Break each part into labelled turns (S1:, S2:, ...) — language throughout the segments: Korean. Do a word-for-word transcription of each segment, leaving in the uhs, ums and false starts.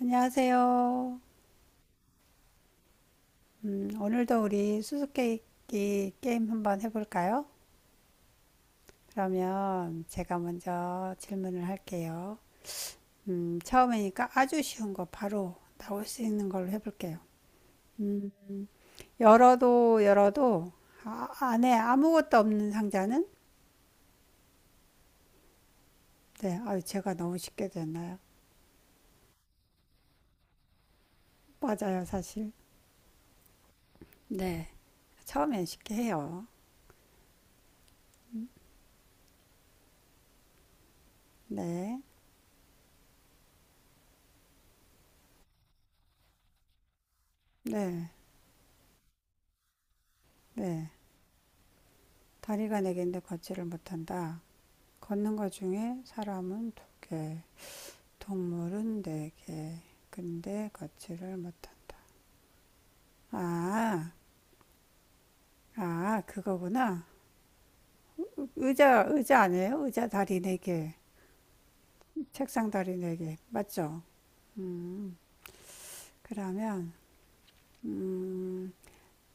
S1: 안녕하세요. 음, 오늘도 우리 수수께끼 게임 한번 해볼까요? 그러면 제가 먼저 질문을 할게요. 음, 처음이니까 아주 쉬운 거 바로 나올 수 있는 걸로 해볼게요. 음, 열어도 열어도 아, 안에 아무것도 없는 상자는? 네, 아유, 제가 너무 쉽게 됐나요? 맞아요, 사실. 네, 처음엔 쉽게 해요. 네, 네, 네. 다리가 네 개인데 걷지를 못한다. 걷는 것 중에 사람은 두 개, 동물은 네 개, 근데 걷지를 못한다. 아, 아, 그거구나. 의자, 의자 아니에요? 의자 다리 네 개, 책상 다리 네 개, 맞죠? 음, 그러면, 음,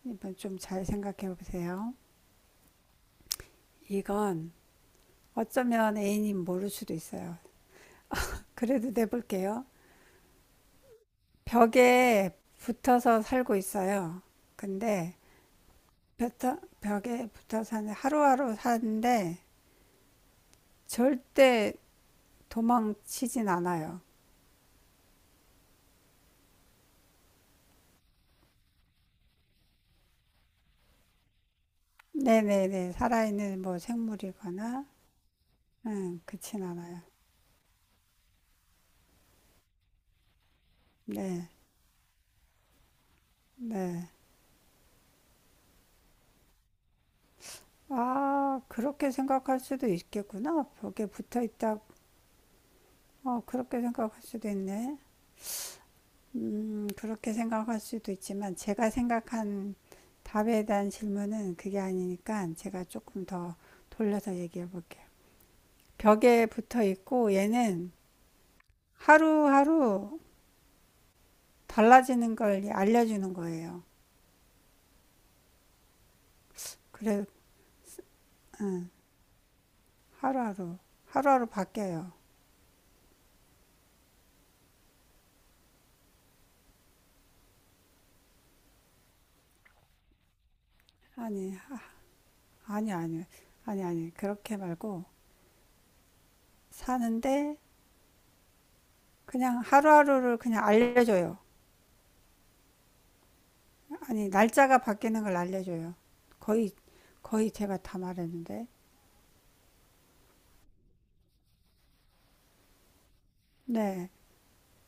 S1: 이번 좀 잘 생각해 보세요. 이건 어쩌면 애인이 모를 수도 있어요. 그래도 내볼게요. 벽에 붙어서 살고 있어요. 근데 벽 벽에 붙어 사는 하루하루 사는데 절대 도망치진 않아요. 네네네 살아있는 뭐 생물이거나 응그진 않아요. 네 네. 아 그렇게 생각할 수도 있겠구나. 벽에 붙어 있다. 어 그렇게 생각할 수도 있네. 음 그렇게 생각할 수도 있지만 제가 생각한 답에 대한 질문은 그게 아니니까 제가 조금 더 돌려서 얘기해 볼게요. 벽에 붙어 있고 얘는 하루하루 달라지는 걸 알려주는 거예요. 그래 하루하루 하루하루 바뀌어요. 아니 아니 아니 아니 아니 그렇게 말고 사는데 그냥 하루하루를 그냥 알려줘요. 아니 날짜가 바뀌는 걸 알려줘요. 거의 거의 제가 다 말했는데 네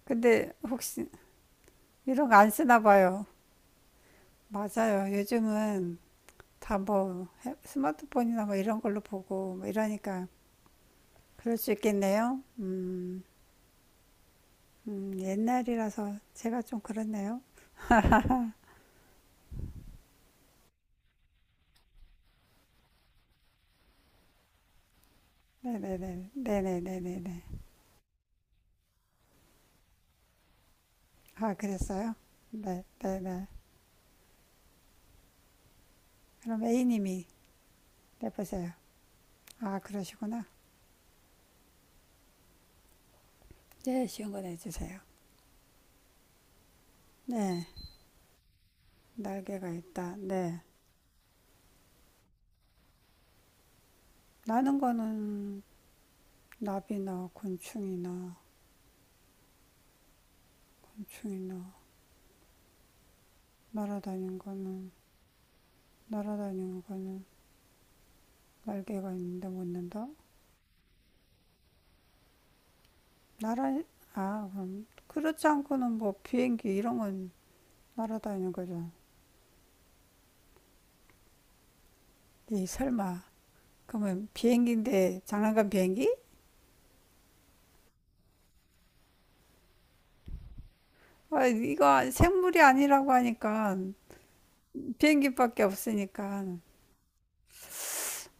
S1: 근데 혹시 이런 거 안 쓰나 봐요. 맞아요. 요즘은 다 뭐 스마트폰이나 뭐 이런 걸로 보고 뭐 이러니까 그럴 수 있겠네요. 음, 음, 옛날이라서 제가 좀 그렇네요. 네네네. 네네네네네. 아, 그랬어요? 네네네. 그럼 A님이 내보세요. 아, 그러시구나. 네, 쉬운 거 내주세요. 네, 날개가 있다. 네. 나는 거는 나비나 곤충이나, 곤충이나, 날아다니는 거는, 날아다니는 거는 날개가 있는데 못 난다? 날아, 아, 그럼. 그렇지 않고는 뭐 비행기 이런 건 날아다니는 거죠. 이 설마 그러면 비행기인데 장난감 비행기? 아, 이거 생물이 아니라고 하니까 비행기밖에 없으니까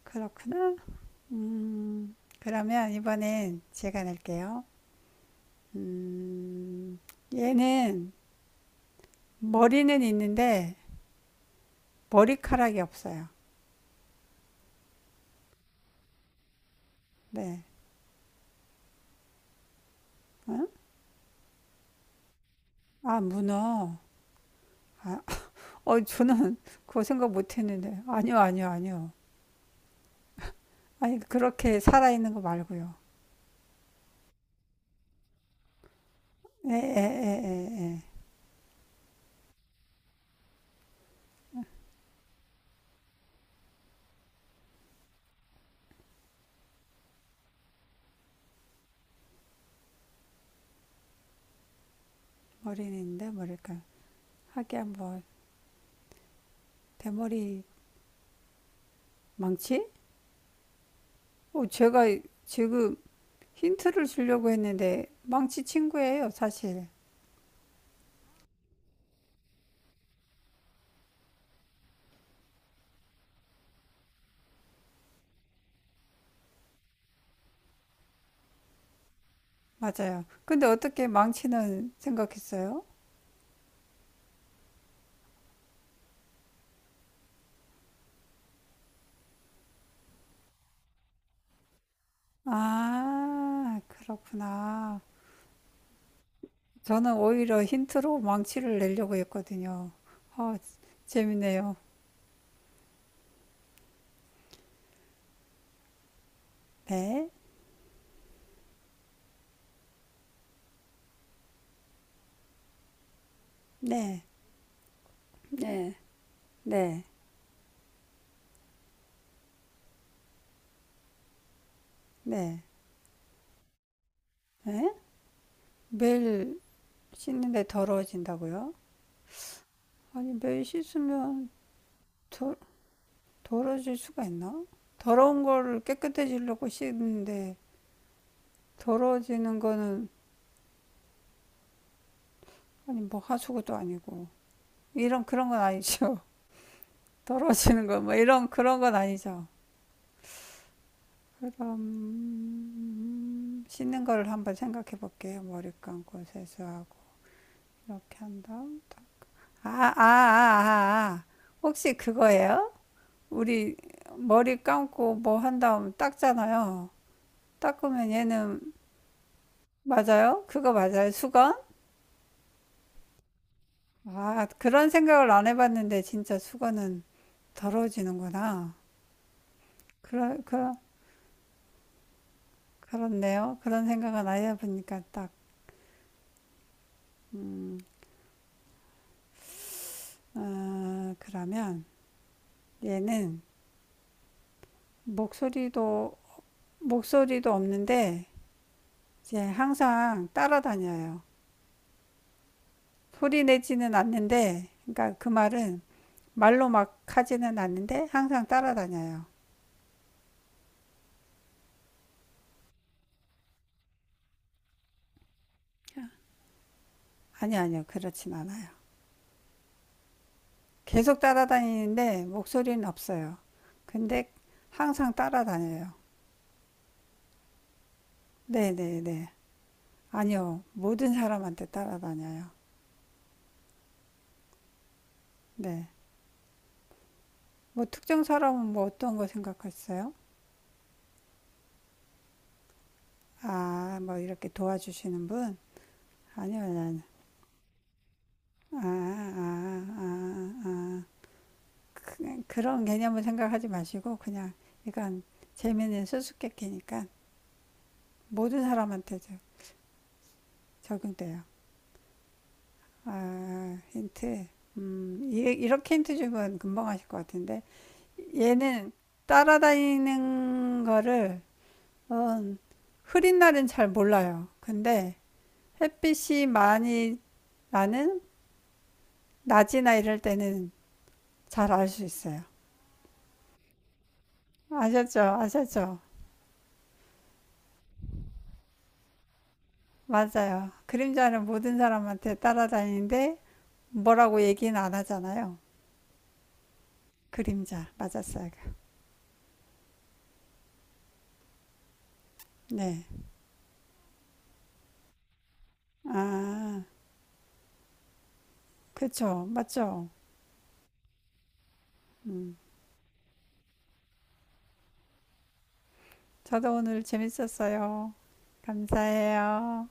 S1: 그렇구나. 음, 그러면 이번엔 제가 낼게요. 음, 얘는 머리는 있는데 머리카락이 없어요. 네. 어? 아, 문어. 아, 어, 저는 그거 생각 못 했는데. 아니요, 아니요, 아니요. 아니, 그렇게 살아있는 거 말고요. 네.. 예예예 머리인데 뭐랄까 하기 한번.. 대머리 망치? 어 제가 지금 힌트를 주려고 했는데 망치 친구예요 사실 맞아요 근데 어떻게 망치는 생각했어요? 아 그렇구나 저는 오히려 힌트로 망치를 내려고 했거든요 아 재밌네요 네 네 네 네 네 네? 매일 씻는데 더러워진다고요? 아니 매일 씻으면 더, 더러질 수가 있나? 더러운 거를 깨끗해지려고 씻는데 더러워지는 거는 아니 뭐 하수구도 아니고 이런 그런 건 아니죠. 더러워지는 거 뭐 이런 그런 건 아니죠. 그럼 씻는 거를 한번 생각해 볼게요. 머리 감고 세수하고 이렇게 한 다음 아아아아 아, 아. 아. 아, 아. 혹시 그거예요? 우리 머리 감고 뭐 한 다음 닦잖아요. 닦으면 얘는 맞아요. 그거 맞아요. 수건? 아, 그런 생각을 안 해봤는데 진짜 수건은 더러워지는구나. 그러, 그러, 그렇네요. 그런 생각은 안 해보니까 딱, 음, 아, 그러면 얘는 목소리도, 목소리도 없는데 이제 항상 따라다녀요. 소리 내지는 않는데, 그러니까 그 말은 말로 막 하지는 않는데 항상 따라다녀요. 아니, 아니요. 그렇진 않아요. 계속 따라다니는데 목소리는 없어요. 근데 항상 따라다녀요. 네네네. 아니요. 모든 사람한테 따라다녀요. 네. 뭐 특정 사람은 뭐 어떤 거 생각했어요? 아, 뭐 이렇게 도와주시는 분? 아니요, 아니요. 아, 아, 아, 아. 아. 그, 그런 개념을 생각하지 마시고 그냥 이건 재미있는 수수께끼니까 모든 사람한테 적용돼요. 아, 힌트. 음, 이- 이렇게 힌트 주면 금방 하실 것 같은데. 얘는 따라다니는 거를, 음, 흐린 날은 잘 몰라요. 근데 햇빛이 많이 나는 낮이나 이럴 때는 잘 알 수 있어요. 아셨죠? 아셨죠? 맞아요. 그림자는 모든 사람한테 따라다니는데 뭐라고 얘기는 안 하잖아요. 그림자. 맞았어요. 네. 아, 그쵸. 맞죠? 음. 저도 오늘 재밌었어요. 감사해요.